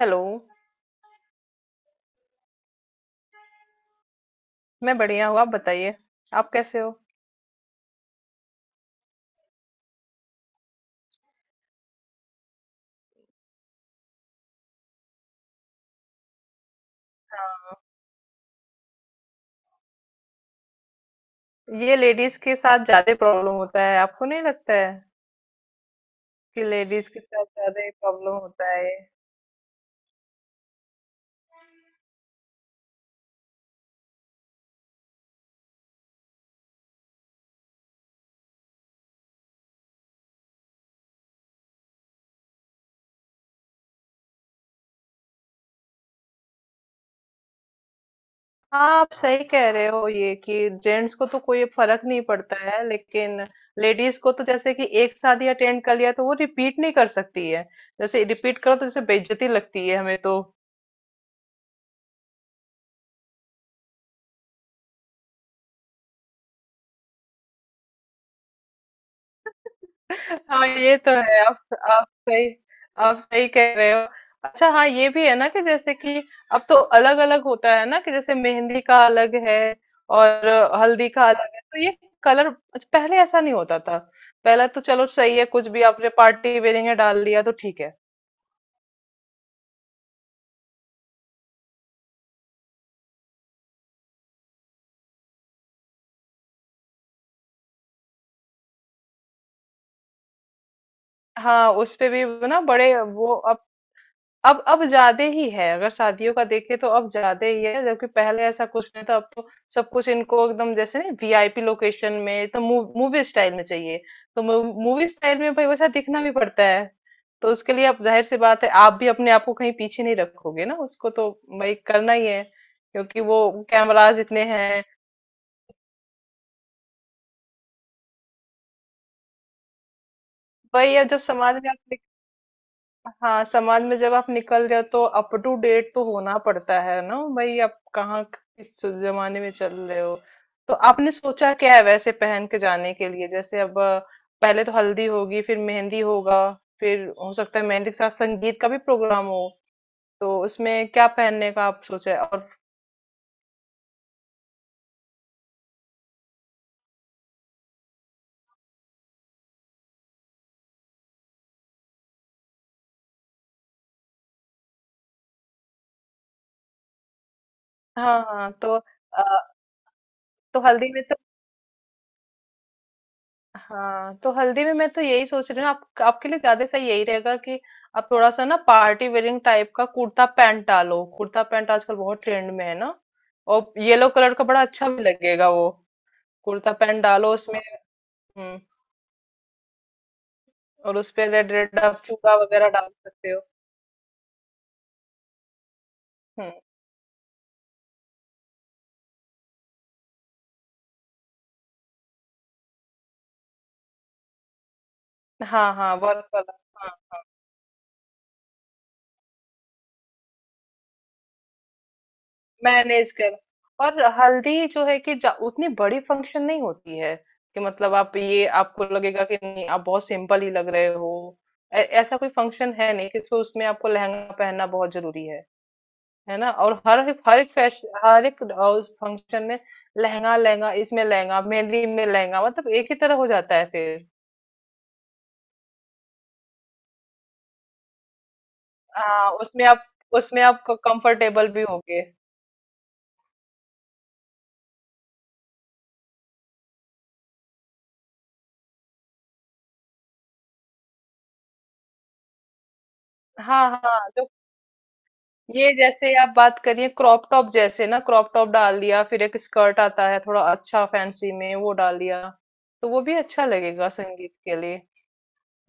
Hello. मैं बढ़िया हूँ, आप बताइए। आप कैसे हो? ये लेडीज के साथ ज्यादा प्रॉब्लम होता है, आपको नहीं लगता है कि लेडीज के साथ ज्यादा ही प्रॉब्लम होता है। हाँ, आप सही कह रहे हो ये कि जेंट्स को तो कोई फर्क नहीं पड़ता है, लेकिन लेडीज को तो जैसे कि एक शादी अटेंड कर लिया तो वो रिपीट नहीं कर सकती है। जैसे रिपीट करो तो जैसे बेइज्जती लगती है हमें तो। हाँ, ये तो है। आप सही आप सही कह रहे हो। अच्छा, हाँ, ये भी है ना कि जैसे कि अब तो अलग अलग होता है ना, कि जैसे मेहंदी का अलग है और हल्दी का अलग है, तो ये कलर। अच्छा, पहले ऐसा नहीं होता था। पहले तो चलो सही है, कुछ भी आपने पार्टी वेयरिंग में डाल लिया तो ठीक है। हाँ, उस पे भी ना बड़े वो। अब ज्यादा ही है। अगर शादियों का देखे तो अब ज्यादा ही है, जबकि पहले ऐसा कुछ नहीं था। अब तो सब कुछ इनको एकदम जैसे नहीं, वीआईपी लोकेशन में तो मूवी स्टाइल में चाहिए। तो मूवी स्टाइल में भाई वैसा दिखना भी पड़ता है। तो उसके लिए अब जाहिर सी बात है, आप भी अपने आप को कहीं पीछे नहीं रखोगे ना, उसको तो भाई करना ही है, क्योंकि वो कैमराज इतने हैं। भाई अब जब समाज में आप हाँ, समाज में जब आप निकल रहे हो तो अप टू डेट तो होना पड़ता है ना भाई, आप कहाँ किस जमाने में चल रहे हो? तो आपने सोचा क्या है वैसे पहन के जाने के लिए? जैसे अब पहले तो हल्दी होगी, फिर मेहंदी होगा, फिर हो सकता है मेहंदी के साथ संगीत का भी प्रोग्राम हो। तो उसमें क्या पहनने का आप सोचा है? और हाँ, हाँ, तो तो हल्दी में तो। हाँ, तो हल्दी में मैं तो यही सोच रही हूँ, आपके लिए ज्यादा सही यही रहेगा कि आप थोड़ा सा ना पार्टी वेयरिंग टाइप का कुर्ता पैंट डालो। कुर्ता पैंट आजकल बहुत ट्रेंड में है ना। और येलो कलर का बड़ा अच्छा भी लगेगा वो। कुर्ता पैंट डालो उसमें। हम्म, और उस पे रेड रेड आप चूड़ा वगैरह डाल सकते हो। हम्म, हाँ, हाँ, वर्क वाला। हाँ, हाँ। मैनेज कर और हल्दी जो है कि उतनी बड़ी फंक्शन नहीं होती है कि मतलब आप ये, आपको लगेगा कि नहीं, आप बहुत सिंपल ही लग रहे हो। ऐसा कोई फंक्शन है नहीं कि तो उसमें आपको लहंगा पहनना बहुत जरूरी है ना? और हर एक फैशन, हर एक उस फंक्शन में लहंगा, लहंगा इसमें, लहंगा मेहंदी में, लहंगा मतलब एक ही तरह हो जाता है फिर। हाँ, उसमें आप कंफर्टेबल भी होगे। हाँ, हाँ, जो ये जैसे आप बात करिए क्रॉप टॉप जैसे ना, क्रॉप टॉप डाल दिया, फिर एक स्कर्ट आता है थोड़ा अच्छा फैंसी में, वो डाल दिया। तो वो भी अच्छा लगेगा संगीत के लिए,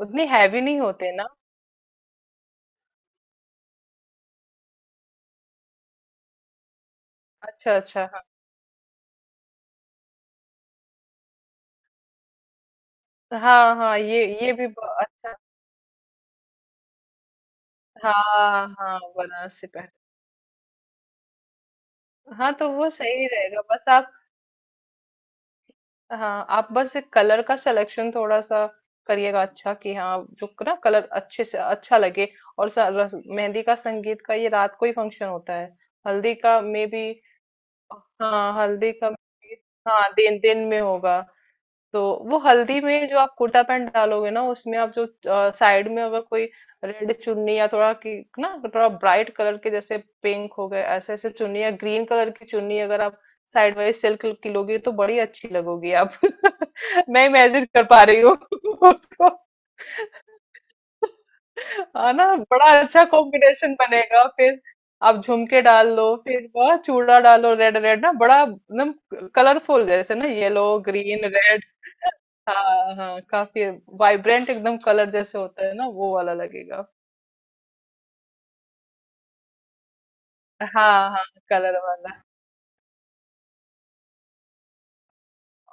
उतनी हैवी नहीं होते ना। अच्छा, अच्छा, हाँ, हाँ, हाँ, ये भी अच्छा। हाँ, हाँ, बनारसी पहन। हाँ, तो वो सही रहेगा, बस आप, हाँ, आप बस एक कलर का सिलेक्शन थोड़ा सा करिएगा, अच्छा कि हाँ, जो ना कलर अच्छे से अच्छा लगे। और मेहंदी का संगीत का ये रात को ही फंक्शन होता है। हल्दी का मे भी। हाँ, हल्दी का। हाँ, दिन दिन में होगा। तो वो हल्दी में जो आप कुर्ता पैंट डालोगे ना, उसमें आप जो साइड में अगर कोई रेड चुन्नी या थोड़ा की ना, थोड़ा ब्राइट कलर के जैसे पिंक हो गए, ऐसे ऐसे चुन्नी, या ग्रीन कलर की चुन्नी अगर आप साइड वाइज सिल्क की लोगी तो बड़ी अच्छी लगोगी आप। मैं इमेजिन कर पा रही हूँ उसको। हाँ ना, बड़ा अच्छा कॉम्बिनेशन बनेगा फिर। आप झुमके डाल दो, फिर वह चूड़ा डालो रेड रेड ना, बड़ा एकदम कलरफुल जैसे ना, येलो, ग्रीन, रेड। हाँ, हाँ, काफी वाइब्रेंट एकदम कलर जैसे होता है ना, वो वाला लगेगा। हाँ, हाँ, कलर वाला।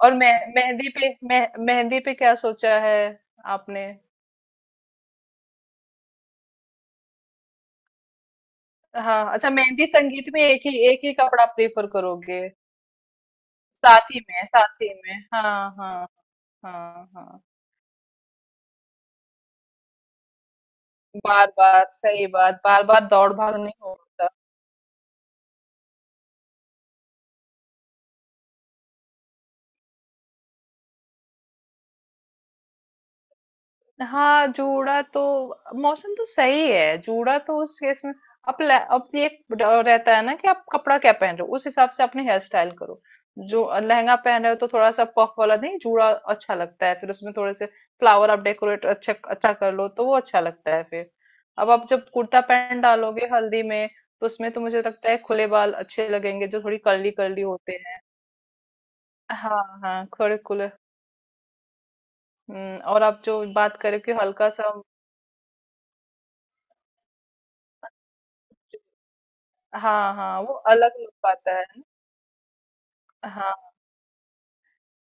और मेहंदी पे, मेहंदी पे क्या सोचा है आपने? हाँ, अच्छा, मेहंदी संगीत में एक ही कपड़ा प्रेफर करोगे? साथी में, साथी में, हाँ, हाँ, हाँ, हाँ। बार बार सही बात, बार बार दौड़ भाग नहीं होता। हाँ, जूड़ा तो। मौसम तो सही है, जूड़ा तो उस केस में। अब ये एक रहता है ना कि आप कपड़ा क्या पहन रहे हो, उस हिसाब से अपने हेयर स्टाइल करो। जो लहंगा पहन रहे हो तो थोड़ा सा पफ वाला नहीं, जूड़ा अच्छा लगता है, फिर उसमें थोड़े से फ्लावर आप डेकोरेट अच्छा अच्छा कर लो तो वो अच्छा लगता है फिर। अब आप जब कुर्ता पैंट डालोगे हल्दी में, तो उसमें तो मुझे लगता है खुले बाल अच्छे लगेंगे, जो थोड़ी कर्ली कर्ली होते हैं। हाँ, हाँ, थोड़े खुले। और आप जो बात करें कि हल्का सा। हाँ, हाँ, वो अलग लुक पाता है ना। हाँ,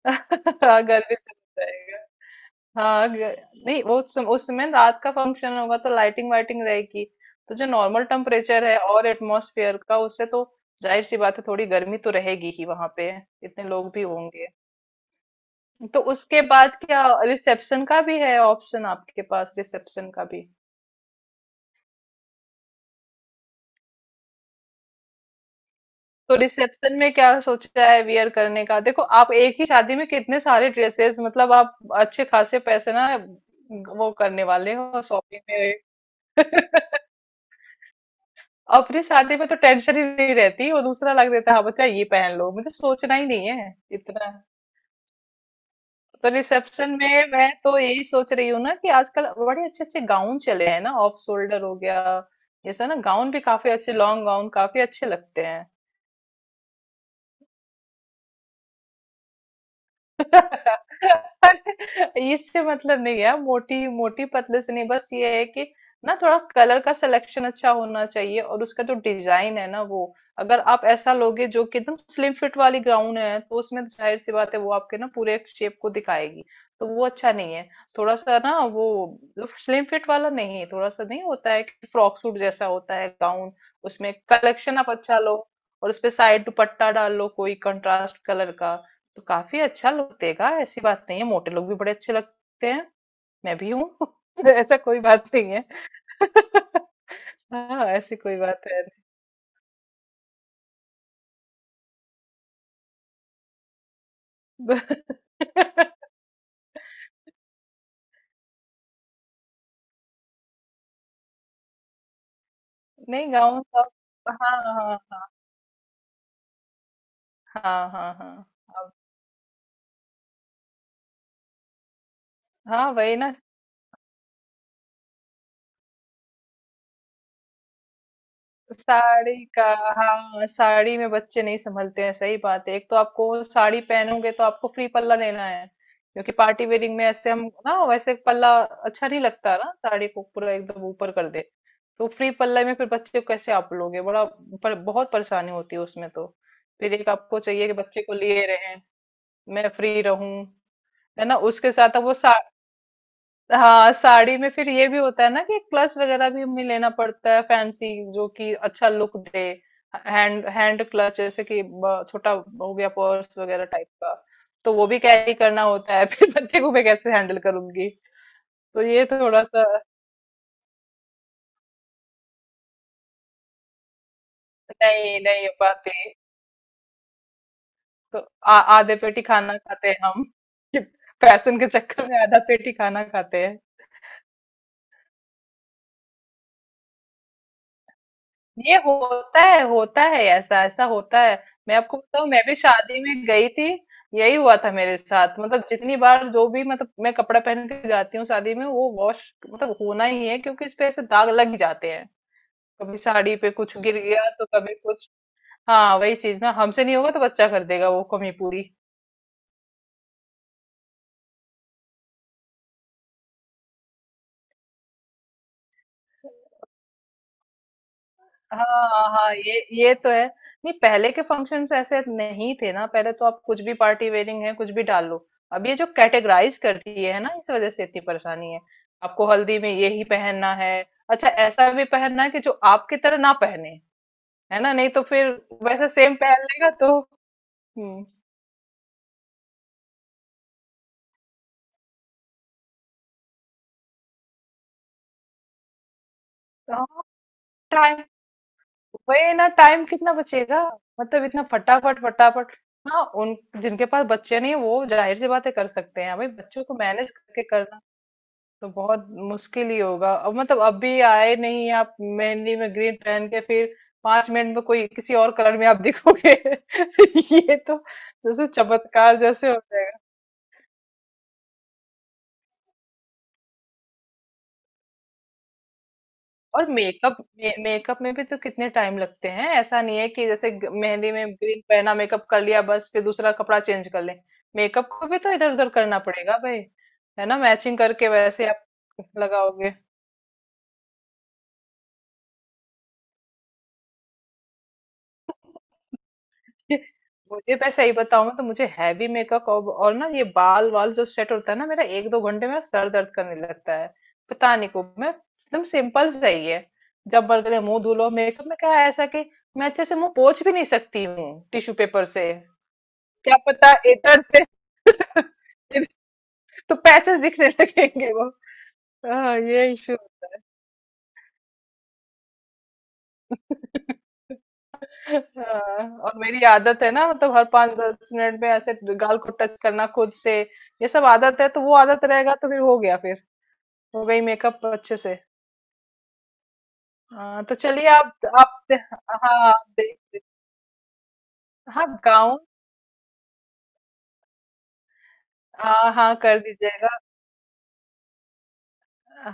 हाँ, गर्मी से बच जाएगा। हाँ, नहीं, वो उस समय रात का फंक्शन होगा तो लाइटिंग वाइटिंग रहेगी। तो जो नॉर्मल टेम्परेचर है और एटमॉस्फेयर का, उससे तो जाहिर सी बात है थोड़ी गर्मी तो रहेगी ही वहां पे, इतने लोग भी होंगे। तो उसके बाद क्या रिसेप्शन का भी है ऑप्शन आपके पास? रिसेप्शन का भी। तो रिसेप्शन में क्या सोचा है वियर करने का? देखो, आप एक ही शादी में कितने सारे ड्रेसेस, मतलब आप अच्छे खासे पैसे ना वो करने वाले हो शॉपिंग में। अपनी शादी में तो टेंशन ही नहीं रहती, वो दूसरा लग देता है, हाँ बच्चा ये पहन लो, मुझे सोचना ही नहीं है इतना। तो रिसेप्शन में मैं तो यही सोच रही हूँ ना कि आजकल बड़े अच्छे अच्छे गाउन चले हैं ना, ऑफ शोल्डर हो गया जैसा ना, गाउन भी काफी अच्छे, लॉन्ग गाउन काफी अच्छे लगते हैं। अरे, इससे मतलब नहीं है मोटी मोटी पतले से, नहीं, बस ये है कि ना थोड़ा कलर का सिलेक्शन अच्छा होना चाहिए और उसका जो डिजाइन है ना वो, अगर आप ऐसा लोगे जो कि एकदम स्लिम फिट वाली गाउन है तो उसमें तो जाहिर सी बात है वो आपके ना पूरे शेप को दिखाएगी। तो वो अच्छा नहीं है। थोड़ा सा ना वो, स्लिम फिट वाला नहीं, थोड़ा सा नहीं होता है कि फ्रॉक सूट जैसा होता है गाउन। उसमें कलेक्शन आप अच्छा लो, और उसपे साइड दुपट्टा डाल लो कोई कंट्रास्ट कलर का, तो काफी अच्छा लुक देगा। ऐसी बात नहीं है, मोटे लोग भी बड़े अच्छे लगते हैं। मैं भी हूँ। ऐसा कोई बात नहीं है। हाँ, ऐसी कोई बात है नहीं। नहीं, गाँव सब। हाँ, हाँ, हाँ, हाँ, हाँ, हाँ, अब- हाँ, वही ना। साड़ी का। हाँ, साड़ी में बच्चे नहीं संभलते हैं, सही बात है। एक तो आपको वो साड़ी पहनोगे तो आपको फ्री पल्ला लेना है, क्योंकि पार्टी वेयरिंग में ऐसे हम ना वैसे पल्ला अच्छा नहीं लगता ना, साड़ी को पूरा एकदम ऊपर कर दे। तो फ्री पल्ला में फिर बच्चे को कैसे आप लोगे? बड़ा बहुत परेशानी होती है उसमें तो। फिर एक आपको चाहिए कि बच्चे को लिए रहें, मैं फ्री रहूं, है ना, उसके साथ अब वो। हाँ, साड़ी में फिर ये भी होता है ना कि क्लच वगैरह भी हमें लेना पड़ता है फैंसी, जो कि अच्छा लुक दे, हैंड हैंड क्लच जैसे कि छोटा हो गया पर्स वगैरह टाइप का। तो वो भी कैरी करना होता है। फिर बच्चे को मैं कैसे हैंडल करूंगी? तो ये थोड़ा सा। नहीं, नहीं हो पाते। तो आ, आधे पेटी खाना खाते हैं हम। फैशन के चक्कर में आधा पेटी खाना खाते हैं। ये होता है, होता है, ऐसा ऐसा होता है। मैं आपको बताऊं, मैं भी शादी में गई थी, यही हुआ था मेरे साथ। मतलब जितनी बार जो भी, मतलब मैं कपड़ा पहन के जाती हूँ शादी में, वो वॉश मतलब होना ही है, क्योंकि इस पे ऐसे दाग लग ही जाते हैं। कभी साड़ी पे कुछ गिर गया, तो कभी कुछ, हाँ, वही चीज ना, हमसे नहीं होगा तो बच्चा कर देगा वो कमी पूरी। हाँ, हाँ, ये तो है। नहीं, पहले के फंक्शंस ऐसे नहीं थे ना। पहले तो आप कुछ भी पार्टी वेयरिंग है, कुछ भी डाल लो। अब ये जो कैटेगराइज कर दिए है ना, इस वजह से इतनी परेशानी है। आपको हल्दी में यही पहनना है। अच्छा, ऐसा भी पहनना है कि जो आपकी तरह ना पहने, है ना? नहीं तो फिर वैसे सेम पहन लेगा तो। हम्म, तो हाँ, टाइम, वही ना, टाइम कितना बचेगा? मतलब इतना फटाफट फटाफट। हाँ, उन जिनके पास बच्चे नहीं वो जाहिर सी बातें कर सकते हैं। भाई बच्चों को मैनेज करके करना तो बहुत मुश्किल ही होगा। अब मतलब अभी आए नहीं आप मेहंदी में ग्रीन पहन के, फिर 5 मिनट में कोई किसी और कलर में आप दिखोगे। ये तो जैसे चमत्कार जैसे हो जाएगा। और मेकअप में भी तो कितने टाइम लगते हैं? ऐसा नहीं है कि जैसे मेहंदी में ग्रीन पहना, मेकअप कर लिया बस, फिर दूसरा कपड़ा चेंज कर लें। मेकअप को भी तो इधर उधर करना पड़ेगा भाई, है ना, मैचिंग करके वैसे आप लगाओगे। मुझे, मैं सही बताऊं तो मुझे हैवी मेकअप और ना, ये बाल वाल जो सेट होता है ना मेरा, एक दो घंटे में सर दर्द करने लगता है। पता नहीं को, मैं एकदम सिंपल चाहिए। जब बन गए मुंह धुलो, मेकअप में क्या है ऐसा कि मैं अच्छे से मुंह पोंछ भी नहीं सकती हूँ टिश्यू पेपर से। क्या पता इधर से। तो पैसेज दिखने लगेंगे वो। हाँ, ये इशू। हाँ, और मेरी आदत है ना, मतलब हर पाँच दस मिनट में ऐसे गाल को टच करना खुद से। ये सब आदत है, तो वो आदत रहेगा तो फिर हो गया फिर, हो गई मेकअप अच्छे से। हाँ, तो चलिए। आप, हाँ, आप देख हाँ, गाउन। हाँ, हाँ, कर दीजिएगा।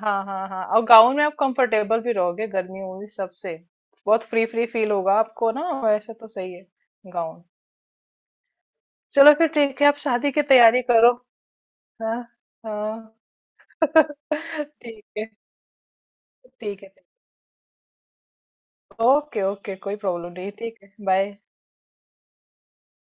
हाँ, हाँ, हाँ, और गाउन में आप कंफर्टेबल भी रहोगे, गर्मी उर्मी सबसे बहुत फ्री फ्री फील होगा आपको ना, वैसे तो सही है गाउन। चलो फिर ठीक है, आप शादी की तैयारी करो। हाँ, हाँ। ठीक है। ठीक है, ओके, ओके, कोई प्रॉब्लम नहीं है। ठीक है, बाय।